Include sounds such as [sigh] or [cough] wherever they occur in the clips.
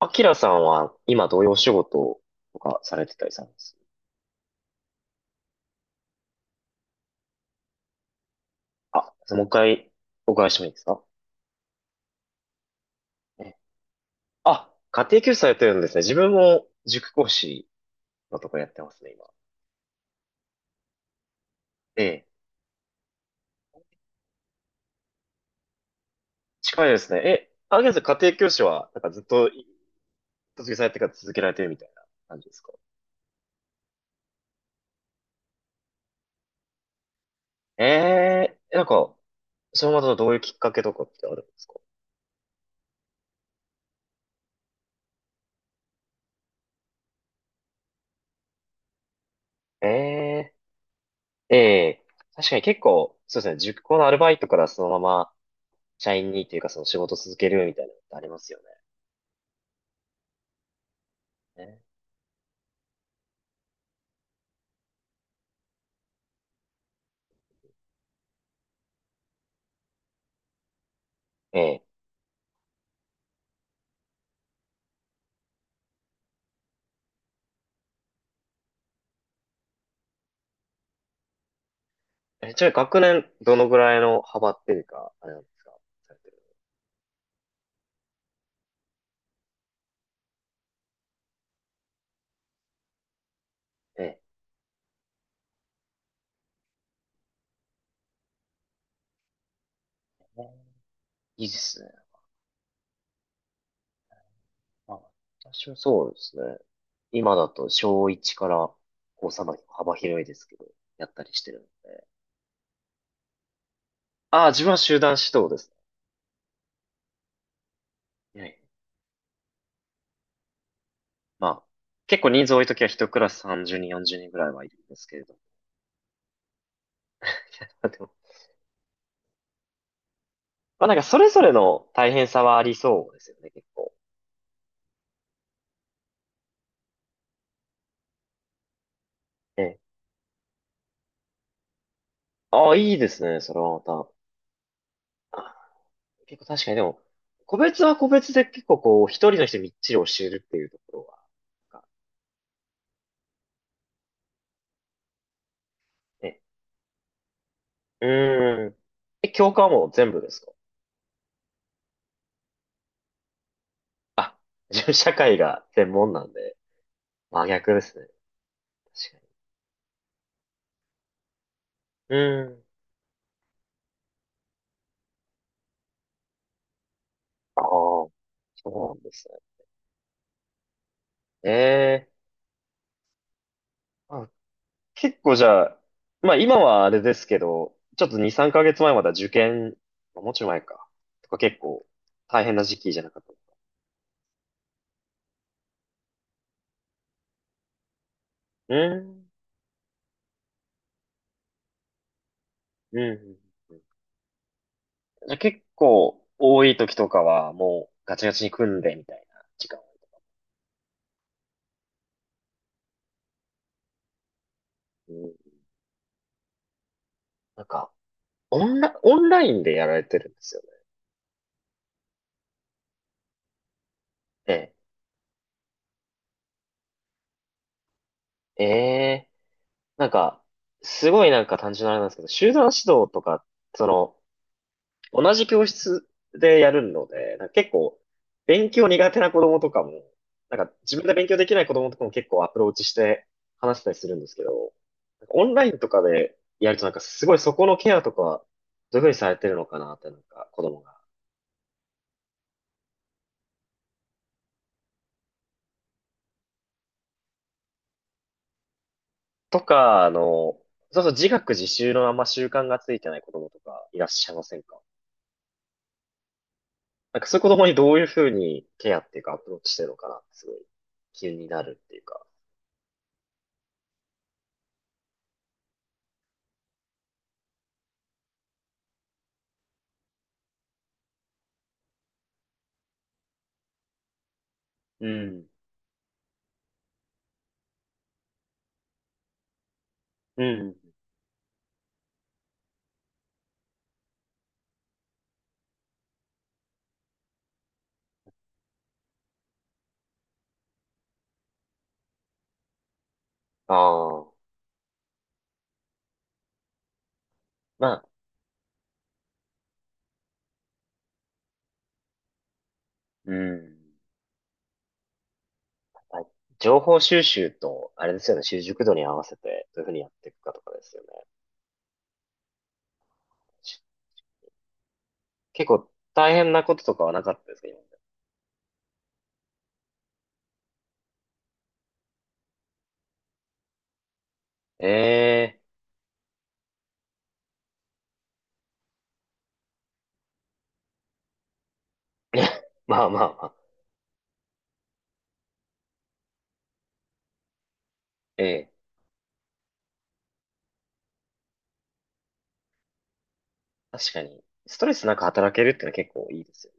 アキラさんは今どういうお仕事とかされてたりされます？あ、もう一回お伺いしてもいいですか？えあ、家庭教師されてるんですね。自分も塾講師のとこやってますね、今。ええ、近いですね。え、アキラさん家庭教師は、なんかずっと卒業されてから続けられてるみたいな感じですか？ええ、なんか、それまたどういうきっかけとかってあるんですか？ええ、ええ、確かに結構、そうですね、塾講のアルバイトからそのまま社員にというかその仕事続けるみたいなのってありますよね。ね。ええ。え、ちなみに学年、どのぐらいの幅っていうか、あれなんですか？されてる。ええ。ね、いいですね。あ、私はそうですね。今だと小1から高3まで幅広いですけど、やったりしてるので。ああ、自分は集団指導ですね。ええ。まあ、結構人数多いときは一クラス30人、40人ぐらいはいるんですけれど。[laughs] でも、まあなんかそれぞれの大変さはありそうですよね、結構。ええ。ああ、いいですね、それはまた。結構確かにでも、個別は個別で結構こう、一人の人にみっちり教えるっていうところは、なんかね。うーん。え、教科はもう全部ですか？あ、自分社会が専門なんで、真逆ですね。確かに。うーん。ああ、そうなんですね。ええ。あ、結構じゃあ、まあ今はあれですけど、ちょっと2、3ヶ月前まだ受験、あもうちょい前か。とか結構大変な時期じゃなかった。うーん。うん。うん。じゃあ結構多い時とかはもうガチガチに組んでみたいな時間。うん。なんか、オンラインでやられてるんですよね。ええ。ええ。なんか、すごいなんか単純なあれなんですけど、集団指導とか、その、同じ教室でやるので、なんか結構、勉強苦手な子供とかも、なんか自分で勉強できない子供とかも結構アプローチして話したりするんですけど、なんかオンラインとかでやるとなんかすごいそこのケアとか、どういうふうにされてるのかなってなんか子供が。とか、あの、そうそう自学自習のあんま習慣がついてない子供とかいらっしゃいませんか？なんかそういう子供にどういうふうにケアっていうかアプローチしてるのかなってすごい気になるっていうか。うん。うん。ああ。まあ。うん。まあ情報収集と、あれですよね、習熟度に合わせて、どういうふうにやっていくかとかですよね。し、結構大変なこととかはなかったですか、今まで。ええ。 [laughs] まあまあまあ。ええ。確かに、ストレスなく働けるってのは結構いいですよね。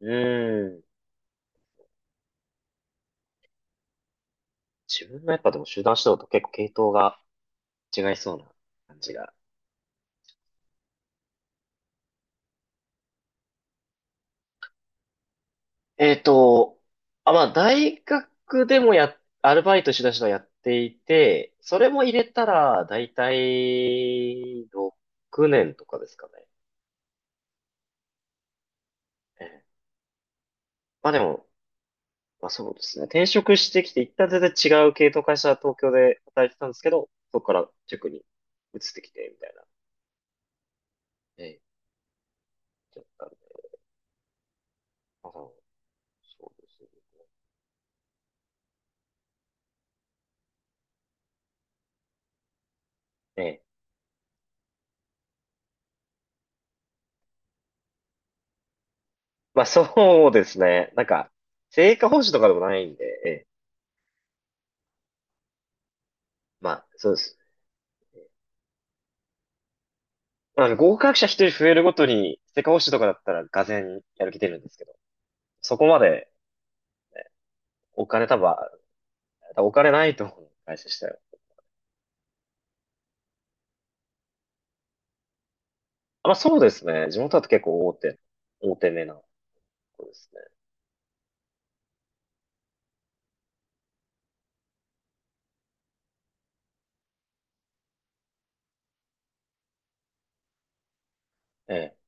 うん。自分のやっぱでも集団指導と結構系統が違いそうな感じが。えっと、あ、まあ、大学でもや、アルバイトしだしのやっていて、それも入れたら、だいたい6年とかですかね。ええ。まあでも、まあそうですね。転職してきて、一旦全然違う系統会社、東京で働いてたんですけど、そこから塾に移ってきて、みたいな。ええ、だっとあるんで。まあ、そうですね。ええ。まあそうですね。なんか、成果報酬とかでもないんで、ええ。まあ、そうですね。あの、合格者一人増えるごとに、世界保守とかだったら、がぜんやる気出るんですけど、そこまで。お金多分、多分お金ないと思う、会社したよ。あまあ、そうですね。地元だと結構大手、大手目なことですね。ええ。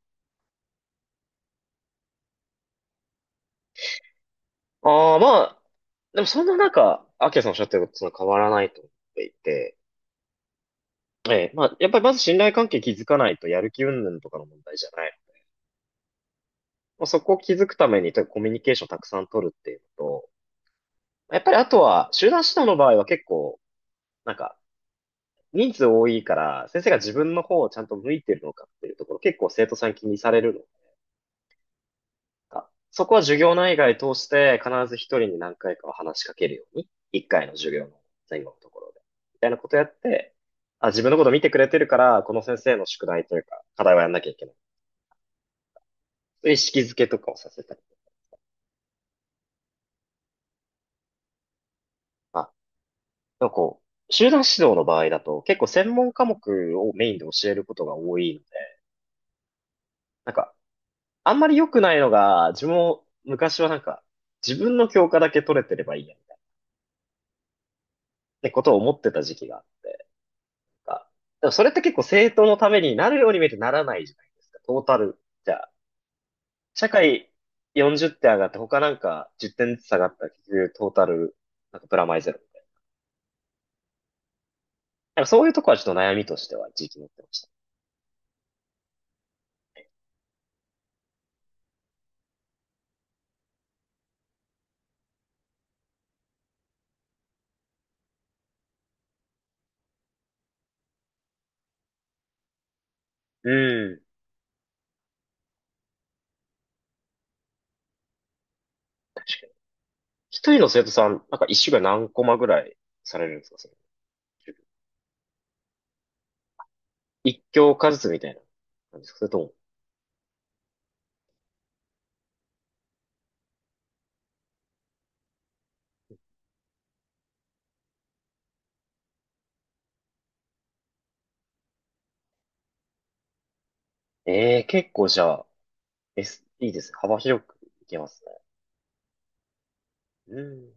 ああ、まあ、でもそんな中、アキラさんおっしゃってることと変わらないと思っていて、ええ、まあ、やっぱりまず信頼関係築かないとやる気云々とかの問題じゃない。まあ、そこを築くために、とにかくコミュニケーションをたくさん取るっていうのと、やっぱりあとは、集団指導の場合は結構、なんか、人数多いから、先生が自分の方をちゃんと向いてるのかっていうところ、結構生徒さん気にされるのか。そこは授業内外通して必ず一人に何回かは話しかけるように、一回の授業の前後のところで、みたいなことやって、あ、自分のこと見てくれてるから、この先生の宿題というか、課題はやんなきゃいけない。そういう意識づけとかをさせたりとか、なんかこう、集団指導の場合だと、結構専門科目をメインで教えることが多いので、なんかあんまり良くないのが、自分も昔はなんか、自分の教科だけ取れてればいいや、みたいなってことを思ってた時期があって、あ、でもそれって結構政党のためになるように見えてならないじゃないですか、トータル。じゃあ、社会40点上がって他なんか10点ずつ下がったら結局トータル、なんかプラマイゼロみたいな。なんかそういうとこはちょっと悩みとしては時期持ってました。うん、確かに。一人の生徒さん、なんか一週間何コマぐらいされるんですか、それ。一教科ずつみたいな感じですかそれとも。ええー結構じゃあ、え、すいいです。幅広くいけますね。うん。